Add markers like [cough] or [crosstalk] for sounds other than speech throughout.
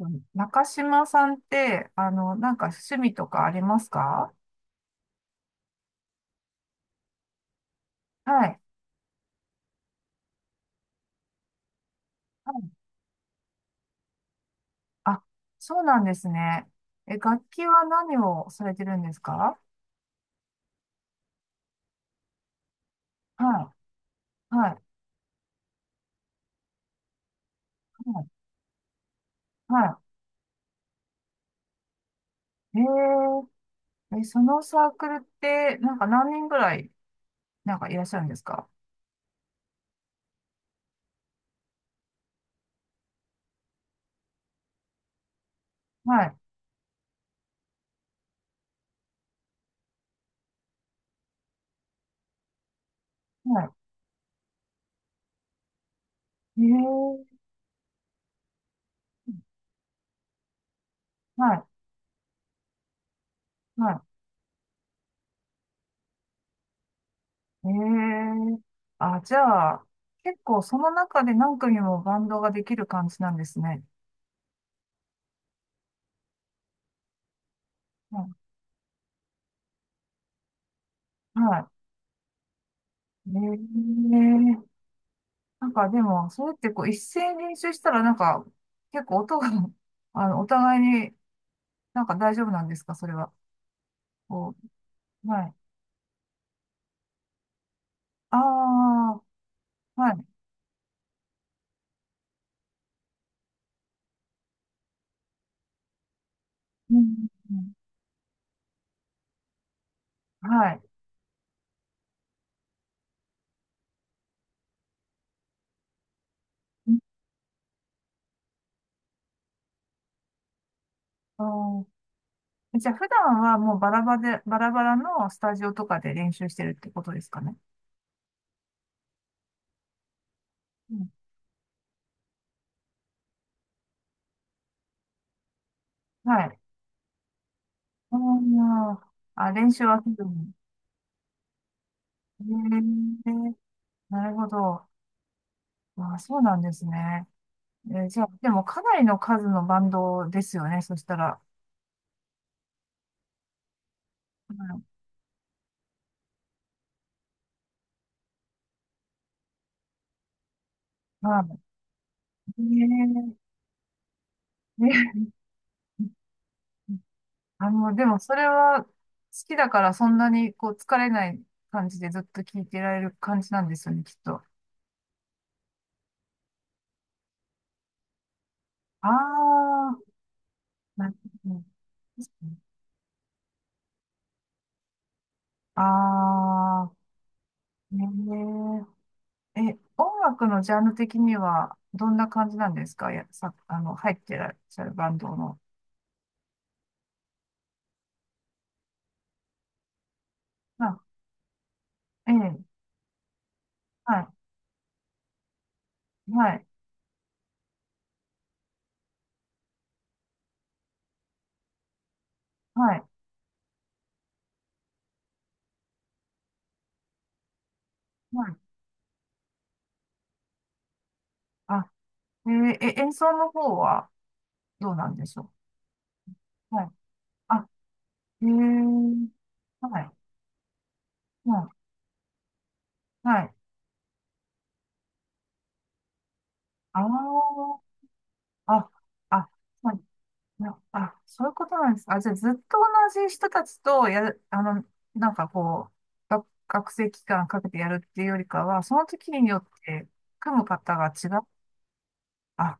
うん。中島さんって、なんか趣味とかありますか？はい。はい。あ、そうなんですね。え、楽器は何をされてるんですか？はい。はい。はい。はい。そのサークルって、なんか何人ぐらい、なんかいらっしゃるんですか？はい。はい。はい。はい。あ、じゃあ、結構その中で何組もバンドができる感じなんですね。はい。はい。ねえ、なんかでも、それってこう一斉に練習したらなんか、結構音が [laughs] お互いになんか大丈夫なんですかそれは？こはい。ああ、はい。うん、うん。はい。うん。あー、じゃあ普段はもうバラバラで、バラバラのスタジオとかで練習してるってことですかね？うん、はい。あー、あ、練習は普段。えーなるほど。あー、そうなんですね。じゃあ、でもかなりの数のバンドですよね、そしたら。うん。まあ、ねえ、[laughs] ねえ、でもそれは好きだからそんなにこう疲れない感じでずっと聴いてられる感じなんですよね、きっと。ああ、なるほど。ああ、ねえ。え、音楽のジャンル的にはどんな感じなんですか？や、さ、あの、入ってらっしゃるバンドの。あ、ええ、はい、はい、はい、はい。あ、えーえ、演奏の方はどうなんでしょう。はい。あ、えー、はい。はい。はい。ああ、あ、あ、はい。なあ、そういうことなんですか？あ、じゃあ、ずっと同じ人たちとやる、なんかこう、学生期間かけてやるっていうよりかは、その時によって組む方が違う。あ、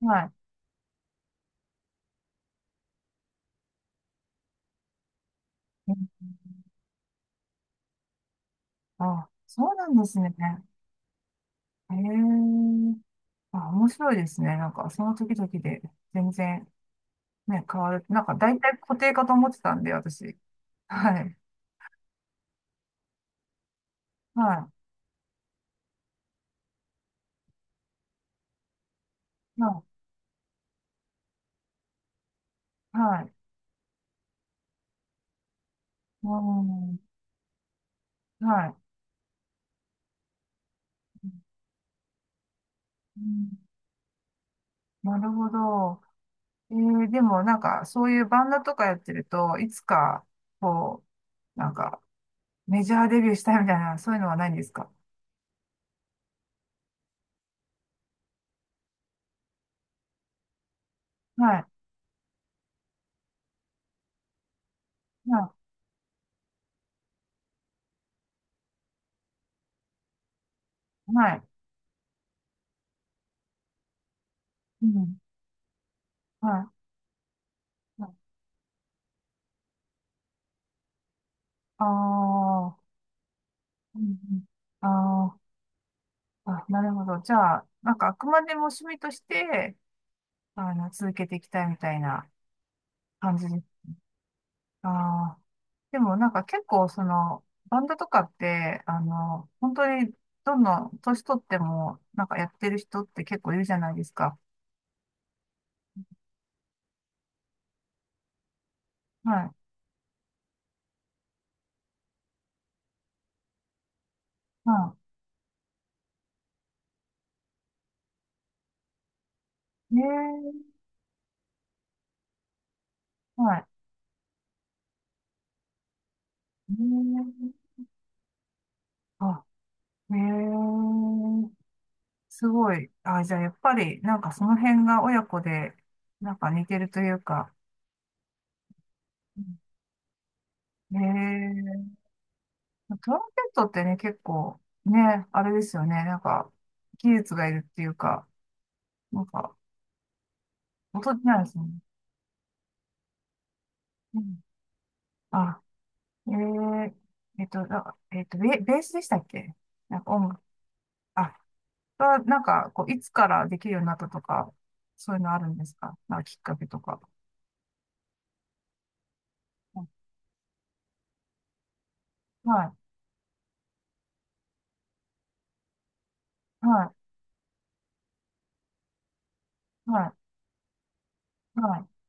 はい。うん。あ、そうなんですね。えー、あ、面白いですね。なんか、その時々で全然。ね、変わる。なんか大体固定かと思ってたんで、私。はい。はい。はい。はい。うん。はい。うん。なるほど。でもなんか、そういうバンドとかやってると、いつか、こう、なんか、メジャーデビューしたいみたいな、そういうのはないんですか？はい。はい。はい。うん。はい。ああ、うん。あー、あ、なるほど。じゃあ、なんか、あくまでも趣味として、続けていきたいみたいな感じ。ああ、でもなんか結構バンドとかって、本当にどんどん年取っても、なんかやってる人って結構いるじゃないですか。はい。はい。ねえ、はい。ねえ、あ、ねえ、すごい。あ、じゃあやっぱり、なんかその辺が親子で、なんか似てるというか。うん。ねえ、トランペットってね、結構、ね、あれですよね。なんか、技術がいるっていうか、なんか、音じゃないですね。うん。あ、えー、えっと、なえっと、ベースでしたっけ？なんか音楽、あ、なんか、こう、いつからできるようになったとか、そういうのあるんですか？なんかきっかけとか。はい、はい、はい、はい。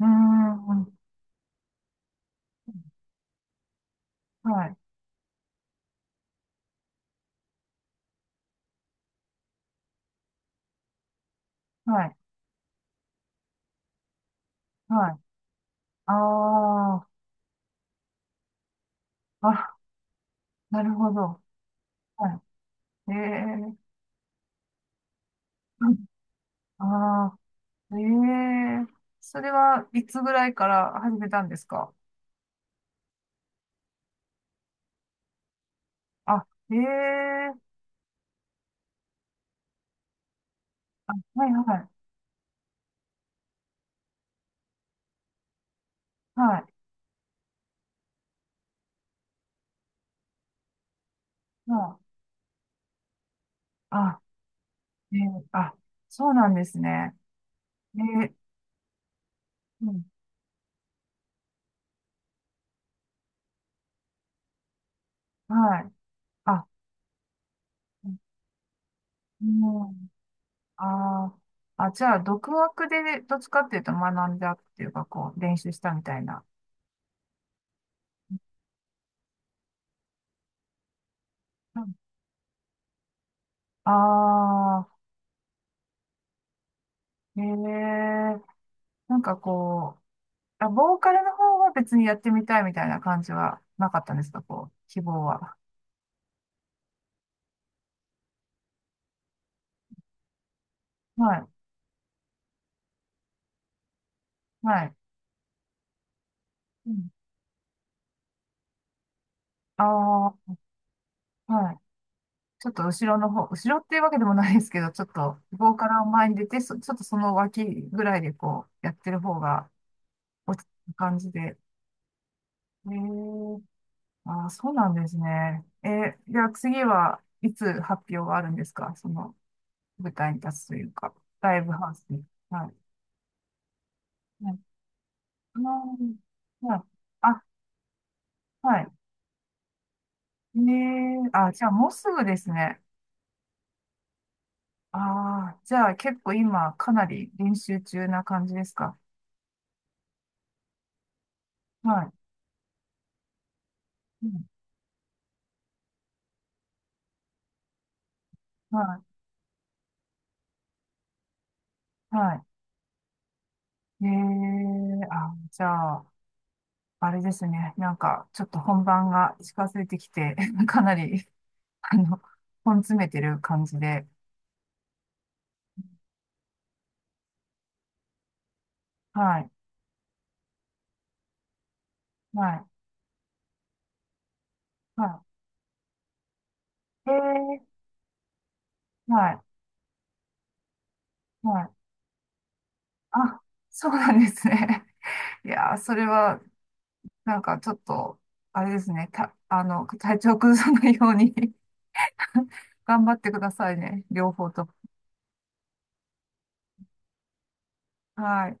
うーん、はい、はい、はい。ああ、あ、なるほど。はい。ええ。 [laughs] ああ。ええ。それはいつぐらいから始めたんですか？あ、ええ、あ、はい、はい、はい。ああ、あ、そうなんですね。えーうん、はい。あ、うん、あー、あ、じゃあ、独学でどっちかっていうと学んだっていうか、こう、練習したみたいな。うん。ああー、なんかこう、あ、ボーカルの方は別にやってみたいみたいな感じはなかったんですか、こう、希望は？はい、はい。うん、ああ、はい。ちょっと後ろの方、後ろっていうわけでもないですけど、ちょっと棒から前に出て、ちょっとその脇ぐらいでこうやってる方が落ち着く感じで。へえー。あー、そうなんですね。じゃあ次はいつ発表があるんですか？その舞台に立つというか、ライブハウスに。はい。はい。あー。はい。あ、はい。ねえ、あ、じゃあもうすぐですね。ああ、じゃあ結構今かなり練習中な感じですか？はい。うん。はい。はい。ええ。あ、じゃあ、あれですね。なんか、ちょっと本番が近づいてきて、[laughs] かなり、あの、本詰めてる感じで。はい、はい、はい。ええ。はい、はい。あ、そうなんですね。[laughs] いやー、それは、なんか、ちょっと、あれですね。た、あの、体調崩さないように [laughs] 頑張ってくださいね。両方とも。はい。